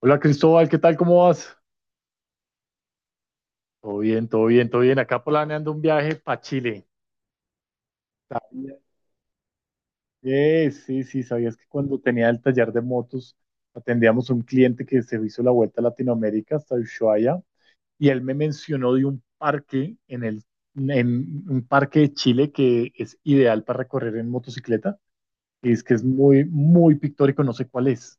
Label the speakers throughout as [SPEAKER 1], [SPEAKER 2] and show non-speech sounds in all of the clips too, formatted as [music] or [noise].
[SPEAKER 1] Hola Cristóbal, ¿qué tal? ¿Cómo vas? Todo bien, todo bien, todo bien. Acá planeando un viaje para Chile. Sabía- sí, sí, sabías que cuando tenía el taller de motos atendíamos a un cliente que se hizo la vuelta a Latinoamérica hasta Ushuaia y él me mencionó de un parque en un parque de Chile que es ideal para recorrer en motocicleta y es que es muy, muy pictórico, no sé cuál es.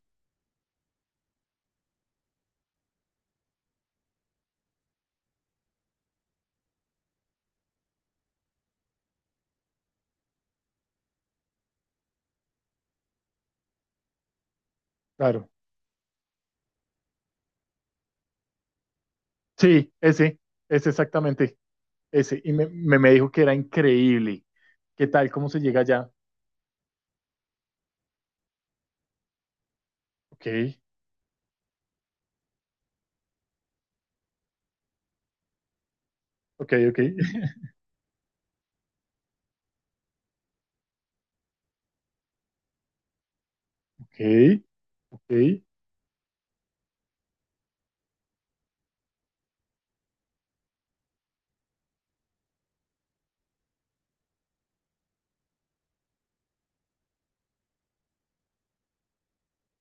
[SPEAKER 1] Claro. Sí, ese exactamente. Ese, y me dijo que era increíble. ¿Qué tal? ¿Cómo se llega allá? Ok, ok, ok, ok, ok,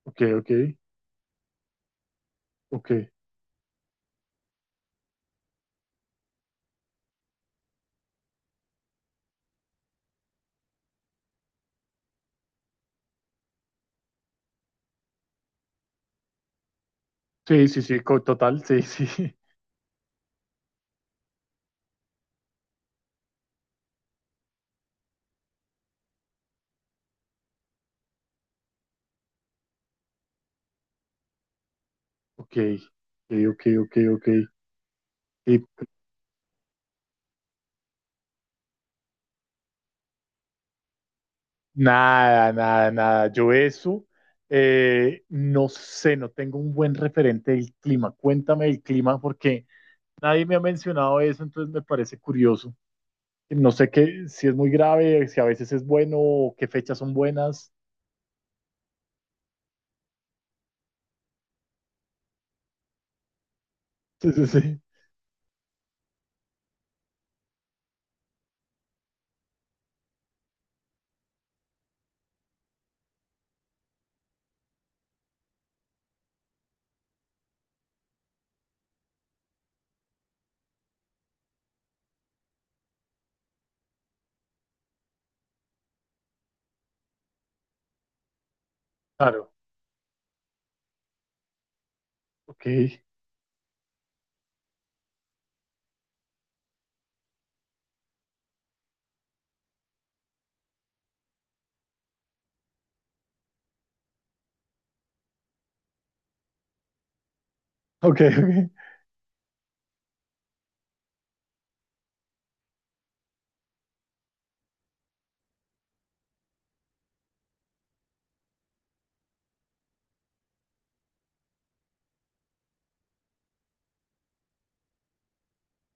[SPEAKER 1] ok, ok, ok. Sí, sí, sí, co- total, sí, sí. [laughs] Ok, ok, ok, ok, ok. Y nada, nada, nada. Yo eso, no sé, no tengo un buen referente del clima. Cuéntame del clima porque nadie me ha mencionado eso, entonces me parece curioso. No sé qué, si es muy grave, si a veces es bueno, o qué fechas son buenas. [laughs] Sí, sí, sí. Claro, ok, ok,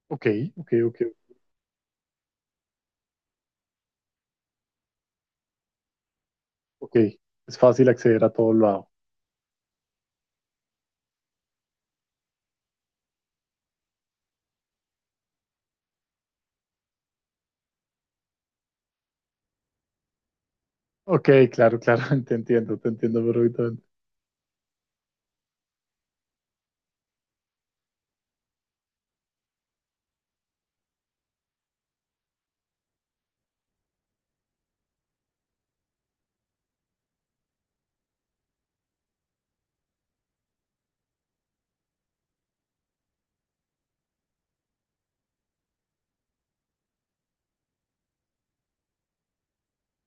[SPEAKER 1] ok, ok, ok, ok, ok. Es fácil acceder a todo lo lado. Ok, claro, claro, [laughs] te entiendo perfectamente.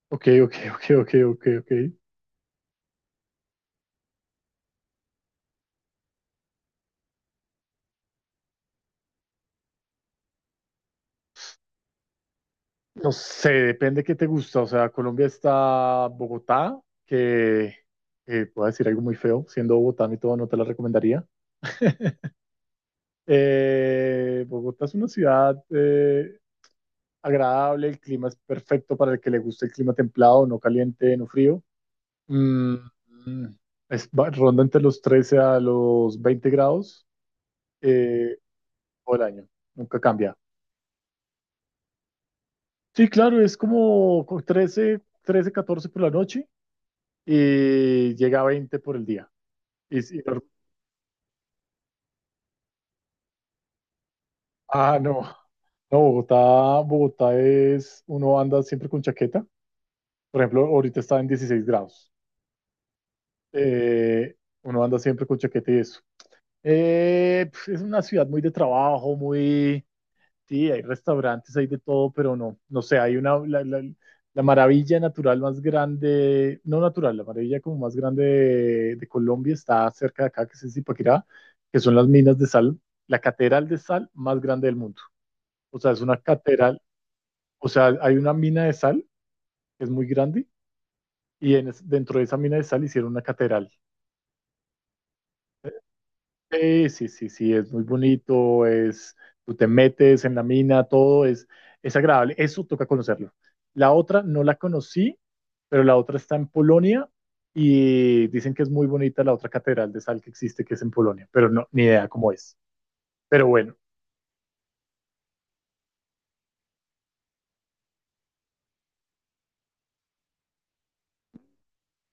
[SPEAKER 1] Ok, ok, ok, ok, ok, ok. No sé, depende qué te gusta. O sea, Colombia está Bogotá, que puedo decir algo muy feo, siendo Bogotá y todo, no te la recomendaría. Bogotá es una ciudad agradable, el clima es perfecto para el que le guste el clima templado, no caliente, no frío. Mm, mm, es, va- ronda entre los 13 a los 20 grados eh, todo el año. Nunca cambia. Sí, claro, es como con trece, 14 por la noche y llega a 20 por el día. Y sí, ah, no. [laughs] No, Bogotá, Bogotá es, uno anda siempre con chaqueta. Por ejemplo, ahorita está en 16 grados. Eh, uno anda siempre con chaqueta y eso. Pf, es una ciudad muy de trabajo, muy. Sí, hay restaurantes, hay de todo, pero no, no sé, hay la maravilla natural más grande, no natural, la maravilla como más grande de Colombia está cerca de acá, que es Zipaquirá, que son las minas de sal, la catedral de sal más grande del mundo. O sea, es una catedral, o sea, hay una mina de sal que es muy grande y dentro de esa mina de sal hicieron una catedral. Sí, sí, sí, sí, es muy bonito, es, tú te metes en la mina, todo es agradable, eso toca conocerlo. La otra no la conocí, pero la otra está en Polonia y dicen que es muy bonita la otra catedral de sal que existe, que es en Polonia, pero no, ni idea cómo es. Pero bueno,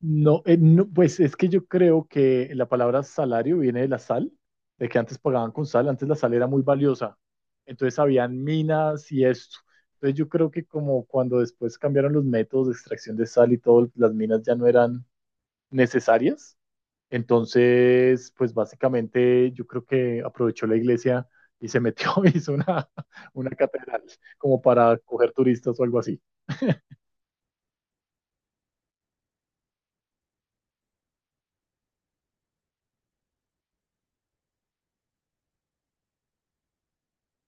[SPEAKER 1] no, no, pues es que yo creo que la palabra salario viene de la sal, de que antes pagaban con sal, antes la sal era muy valiosa, entonces habían minas y esto. Entonces yo creo que como cuando después cambiaron los métodos de extracción de sal y todo, las minas ya no eran necesarias, entonces pues básicamente yo creo que aprovechó la iglesia y se metió, [laughs] y hizo una catedral como para coger turistas o algo así.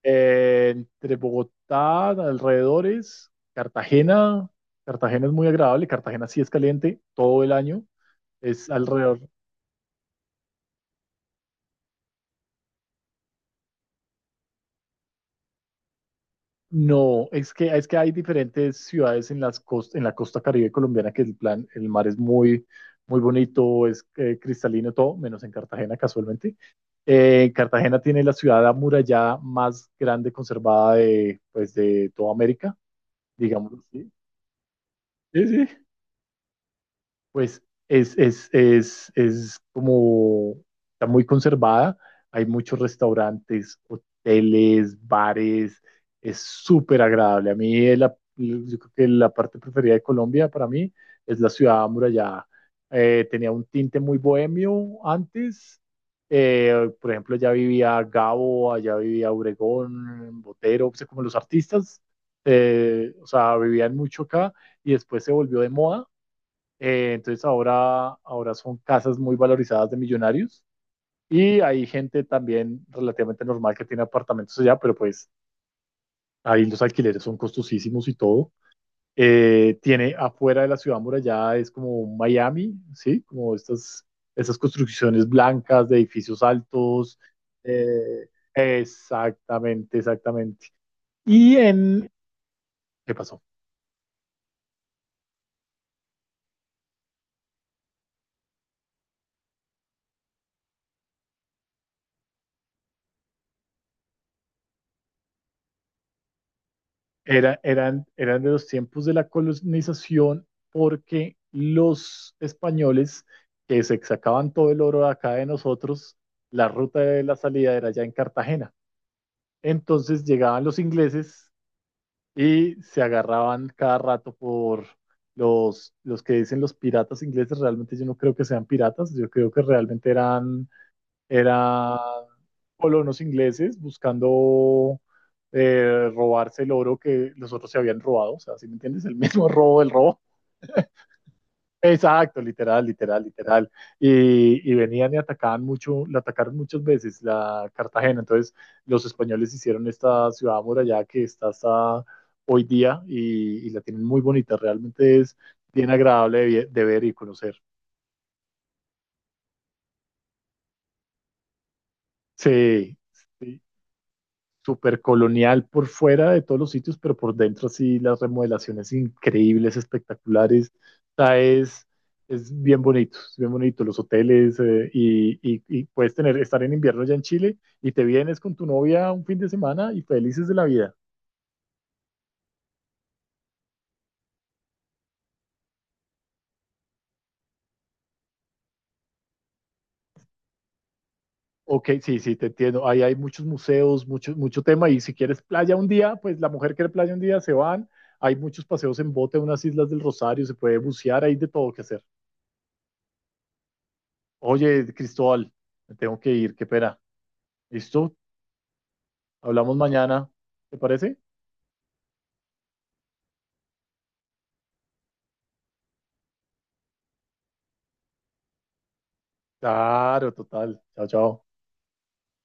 [SPEAKER 1] Entre Bogotá, alrededores, Cartagena. Cartagena es muy agradable. Cartagena sí es caliente todo el año. Es alrededor. No, es que hay diferentes ciudades en las en la costa Caribe colombiana que el plan, el mar es muy, muy bonito, es cristalino todo, menos en Cartagena casualmente. Cartagena tiene la ciudad amurallada más grande conservada de, pues, de toda América, digamos así. Sí, sí. Pues es como, está muy conservada, hay muchos restaurantes, hoteles, bares, es súper agradable. A mí es yo creo que la parte preferida de Colombia para mí es la ciudad amurallada. Tenía un tinte muy bohemio antes. Por ejemplo, allá vivía Gabo, allá vivía Obregón, Botero, o sea, como los artistas, o sea, vivían mucho acá y después se volvió de moda entonces ahora son casas muy valorizadas de millonarios y hay gente también relativamente normal que tiene apartamentos allá, pero pues ahí los alquileres son costosísimos y todo. Tiene afuera de la ciudad muralla es como un Miami, ¿sí? Como estas construcciones blancas de edificios altos. eh, exactamente, exactamente. Y en... ¿Qué pasó? Era, eran de los tiempos de la colonización porque los españoles que se sacaban todo el oro de acá de nosotros, la ruta de la salida era ya en Cartagena. Entonces llegaban los ingleses y se agarraban cada rato por los que dicen los piratas ingleses. Realmente yo no creo que sean piratas, yo creo que realmente eran colonos ingleses buscando robarse el oro que los otros se habían robado. O sea, ¿si me entiendes? El [laughs] mismo robo del robo. Exacto, literal, literal, literal. Y venían y atacaban mucho, la atacaron muchas veces la Cartagena. Entonces, los españoles hicieron esta ciudad amurallada que está hasta hoy día y la tienen muy bonita. Realmente es bien agradable de, vi- de ver y conocer. Sí, sí. Súper colonial por fuera de todos los sitios, pero por dentro sí las remodelaciones increíbles, espectaculares. O sea, es bien bonito los hoteles y puedes tener, estar en invierno ya en Chile y te vienes con tu novia un fin de semana y felices de la vida. Ok, sí, sí, te entiendo. Ahí hay muchos museos, mucho, mucho tema y si quieres playa un día, pues la mujer quiere playa un día, se van. Hay muchos paseos en bote, unas islas del Rosario, se puede bucear, hay de todo que hacer. Oye, Cristóbal, me tengo que ir, qué pena. Listo, hablamos mañana. ¿Te parece? Claro, total. Chao, chao.